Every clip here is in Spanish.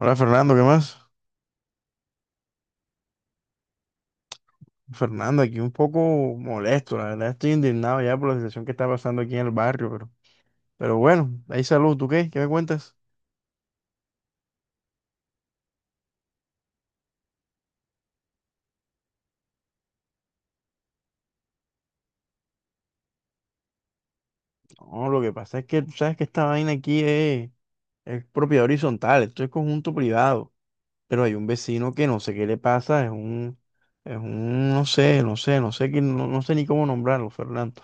Hola Fernando, ¿qué más? Fernando, aquí un poco molesto, la verdad estoy indignado ya por la situación que está pasando aquí en el barrio, pero bueno, ahí salud, ¿tú qué? ¿Qué me cuentas? No, lo que pasa es que tú sabes que esta vaina aquí es propiedad horizontal, esto es conjunto privado, pero hay un vecino que no sé qué le pasa, es un, no sé, no sé, no sé, no sé ni cómo nombrarlo, Fernando.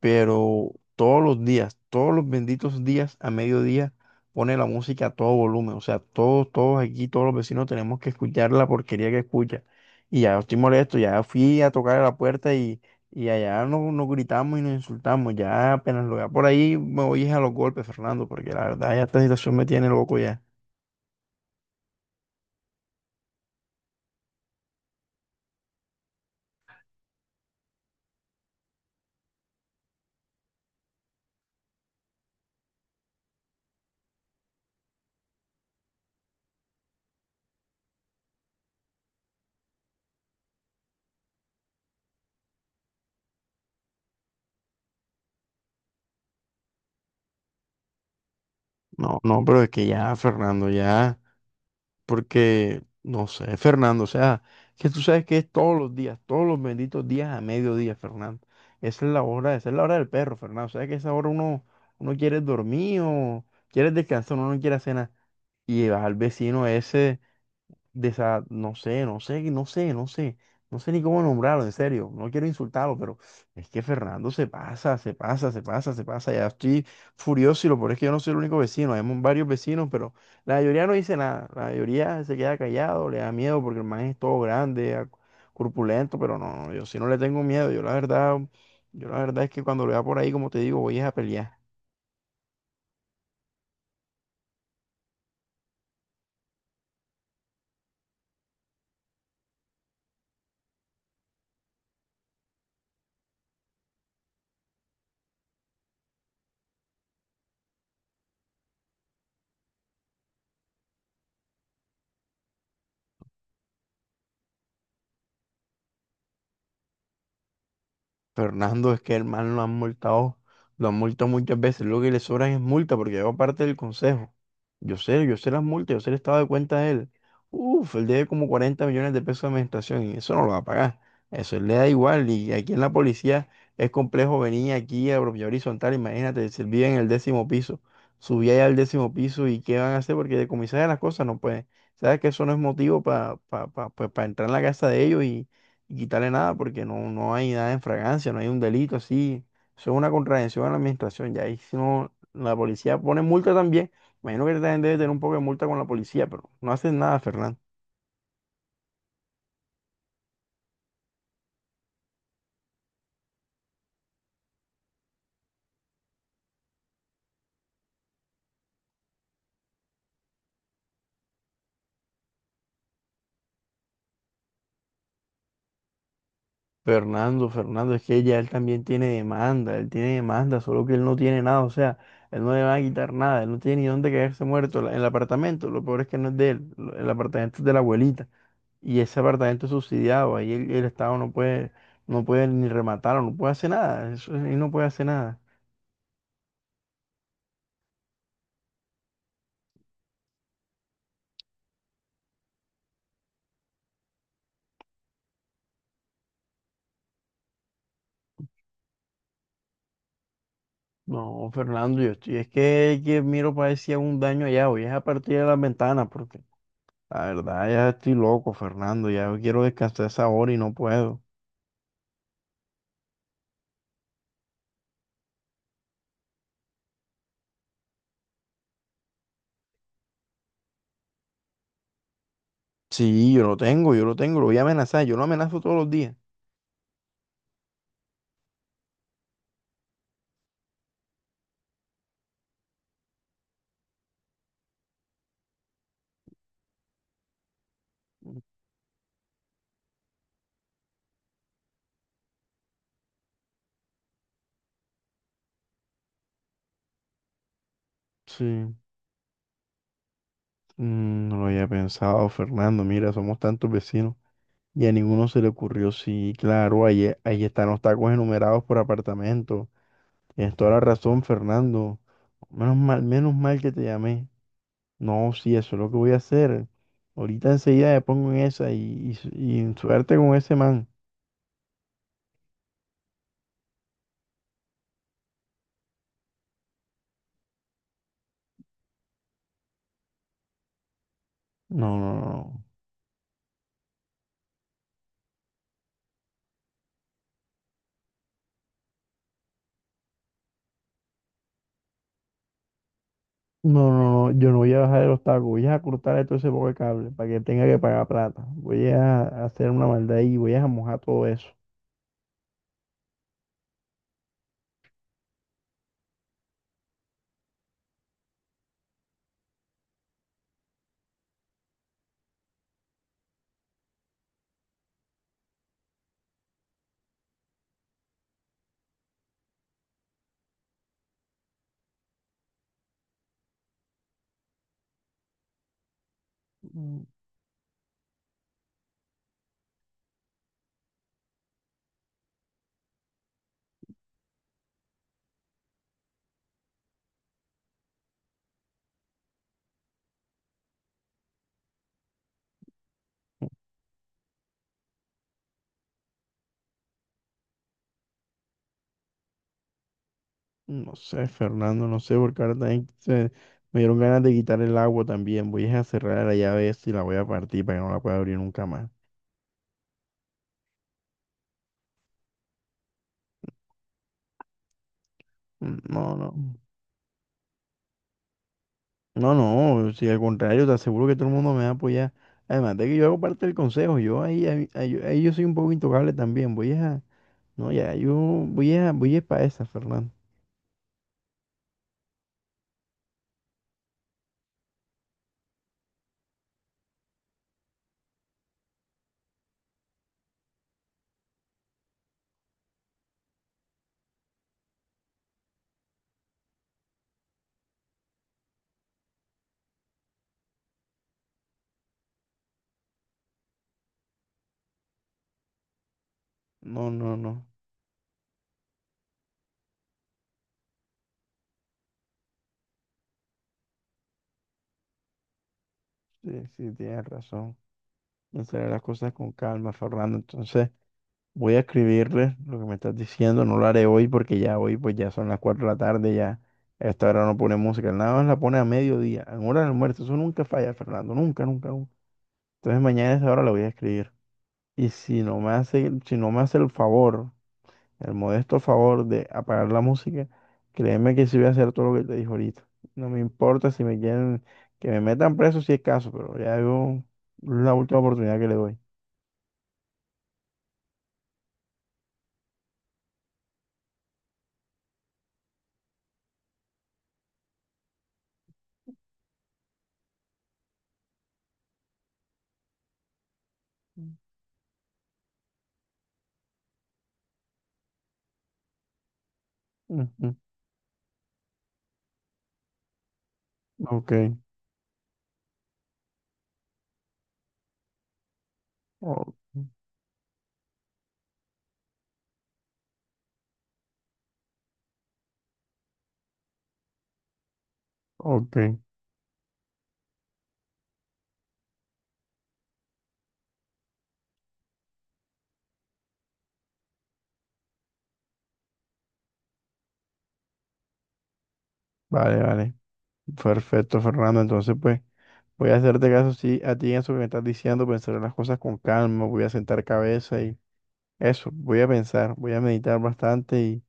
Pero todos los días, todos los benditos días a mediodía pone la música a todo volumen, o sea, todos aquí, todos los vecinos tenemos que escuchar la porquería que escucha. Y ya estoy molesto, ya fui a tocar a la puerta y allá nos gritamos y nos insultamos, ya apenas lo vea por ahí me voy a los golpes, Fernando, porque la verdad ya esta situación me tiene loco ya. No, no, pero es que ya, Fernando, ya. Porque, no sé, Fernando, o sea, que tú sabes que es todos los días, todos los benditos días a mediodía, Fernando. Esa es la hora, esa es la hora del perro, Fernando. O sea, que a esa hora uno quiere dormir o quiere descansar, uno no quiere hacer nada. Y vas al vecino ese no sé, no sé, no sé, no sé, no sé ni cómo nombrarlo, en serio, no quiero insultarlo, pero es que Fernando se pasa, se pasa, se pasa, se pasa, ya estoy furioso y lo peor es que yo no soy el único vecino, hay varios vecinos, pero la mayoría no dice nada, la mayoría se queda callado, le da miedo porque el man es todo grande, corpulento, pero no, no, yo sí no le tengo miedo, yo la verdad es que cuando lo vea por ahí, como te digo, voy es a pelear. Fernando, es que el man lo han multado muchas veces. Lo que le sobran es multa, porque yo parte del consejo. Yo sé las multas, yo sé el estado de cuenta de él. Uf, él debe como 40 millones de pesos de administración y eso no lo va a pagar. Eso él le da igual. Y aquí en la policía es complejo venir aquí a propiedad horizontal. Imagínate, si él vive en el décimo piso, subía allá al décimo piso y qué van a hacer porque decomisar las cosas no pueden. Sabes que eso no es motivo para entrar en la casa de ellos y quitarle nada porque no, no hay nada en fragancia, no hay un delito así. Eso es una contravención a la administración. Ya ahí si no, la policía pone multa también. Imagino que también debe tener un poco de multa con la policía, pero no hacen nada, Fernando. Fernando, Fernando, es que ya él también tiene demanda, él tiene demanda, solo que él no tiene nada, o sea, él no le van a quitar nada, él no tiene ni dónde quedarse muerto, el apartamento, lo peor es que no es de él, el apartamento es de la abuelita. Y ese apartamento es subsidiado, ahí el Estado no puede, no puede ni rematarlo, no puede hacer nada, eso, ahí no puede hacer nada. No, Fernando, yo estoy, es que miro para ver si un daño allá, voy es a partir de las ventanas, porque la verdad ya estoy loco, Fernando, ya yo quiero descansar esa hora y no puedo. Sí, yo lo tengo, lo voy a amenazar, yo lo amenazo todos los días. Sí, mm, no lo había pensado, Fernando, mira, somos tantos vecinos. Y a ninguno se le ocurrió, sí, claro, ahí, ahí están los tacos enumerados por apartamento. Tienes toda la razón, Fernando. Menos mal que te llamé. No, sí, eso es lo que voy a hacer. Ahorita enseguida me pongo en esa y suerte con ese man. No, no, no. No, no, no. Yo no voy a bajar el obstáculo. Voy a cortar todo ese poco de cable para que tenga que pagar plata. Voy a hacer una maldad y voy a mojar todo eso. Mm, no sé, Fernando, no sé, porque ahora también me dieron ganas de quitar el agua también. Voy a cerrar la llave esa y la voy a partir para que no la pueda abrir nunca más. Mm, no, no. No, no, si al contrario, te aseguro que todo el mundo me va a apoyar. Además de que yo hago parte del consejo, yo ahí yo soy un poco intocable también. Voy a, no, ya, yo voy a, voy a para esa, Fernando. No, no, no, sí, sí, tienes razón. Pensaré las cosas con calma, Fernando. Entonces, voy a escribirle lo que me estás diciendo. No lo haré hoy, pues ya son las 4 de la tarde, ya a esta hora no pone música. Nada más la pone a mediodía, en hora del almuerzo. Eso nunca falla, Fernando, nunca, nunca, nunca. Entonces, mañana a esa hora la voy a escribir. Y si no me hace el favor, el modesto favor de apagar la música, créeme que sí voy a hacer todo lo que te dije ahorita. No me importa si me quieren, que me metan preso si es caso, pero ya yo es la última oportunidad que le doy. Ujú, ok, o- ok, vale, vale. Perfecto, Fernando. Entonces, pues, voy a hacerte caso sí, a ti en eso que me estás diciendo, pensaré las cosas con calma, voy a sentar cabeza y eso, voy a pensar, voy a meditar bastante.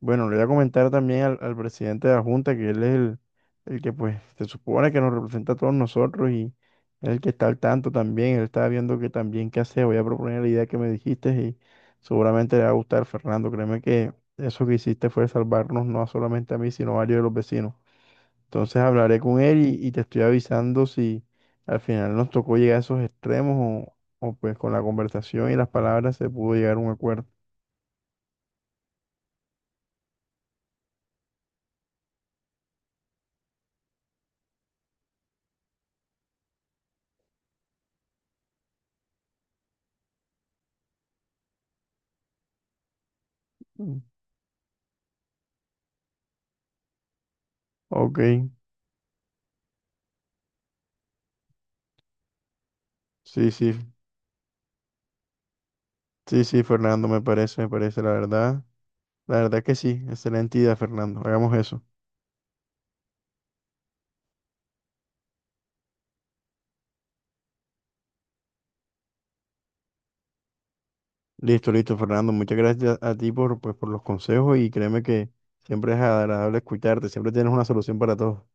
Bueno, le voy a comentar también al presidente de la Junta que él es el que pues se supone que nos representa a todos nosotros y es el que está al tanto también, él está viendo que también qué hacer, voy a proponer la idea que me dijiste y seguramente le va a gustar, Fernando, créeme que eso que hiciste fue salvarnos no solamente a mí, sino a varios de los vecinos. Entonces hablaré con él y te estoy avisando si al final nos tocó llegar a esos extremos o pues con la conversación y las palabras se pudo llegar a un acuerdo. Mm. Ok, sí, sí. Sí, sí, Fernando, me parece, la verdad. La verdad que sí, excelente idea, Fernando. Hagamos eso. Listo, listo, Fernando. Muchas gracias a ti por, pues, por los consejos y créeme que siempre es agradable escucharte, siempre tienes una solución para todo.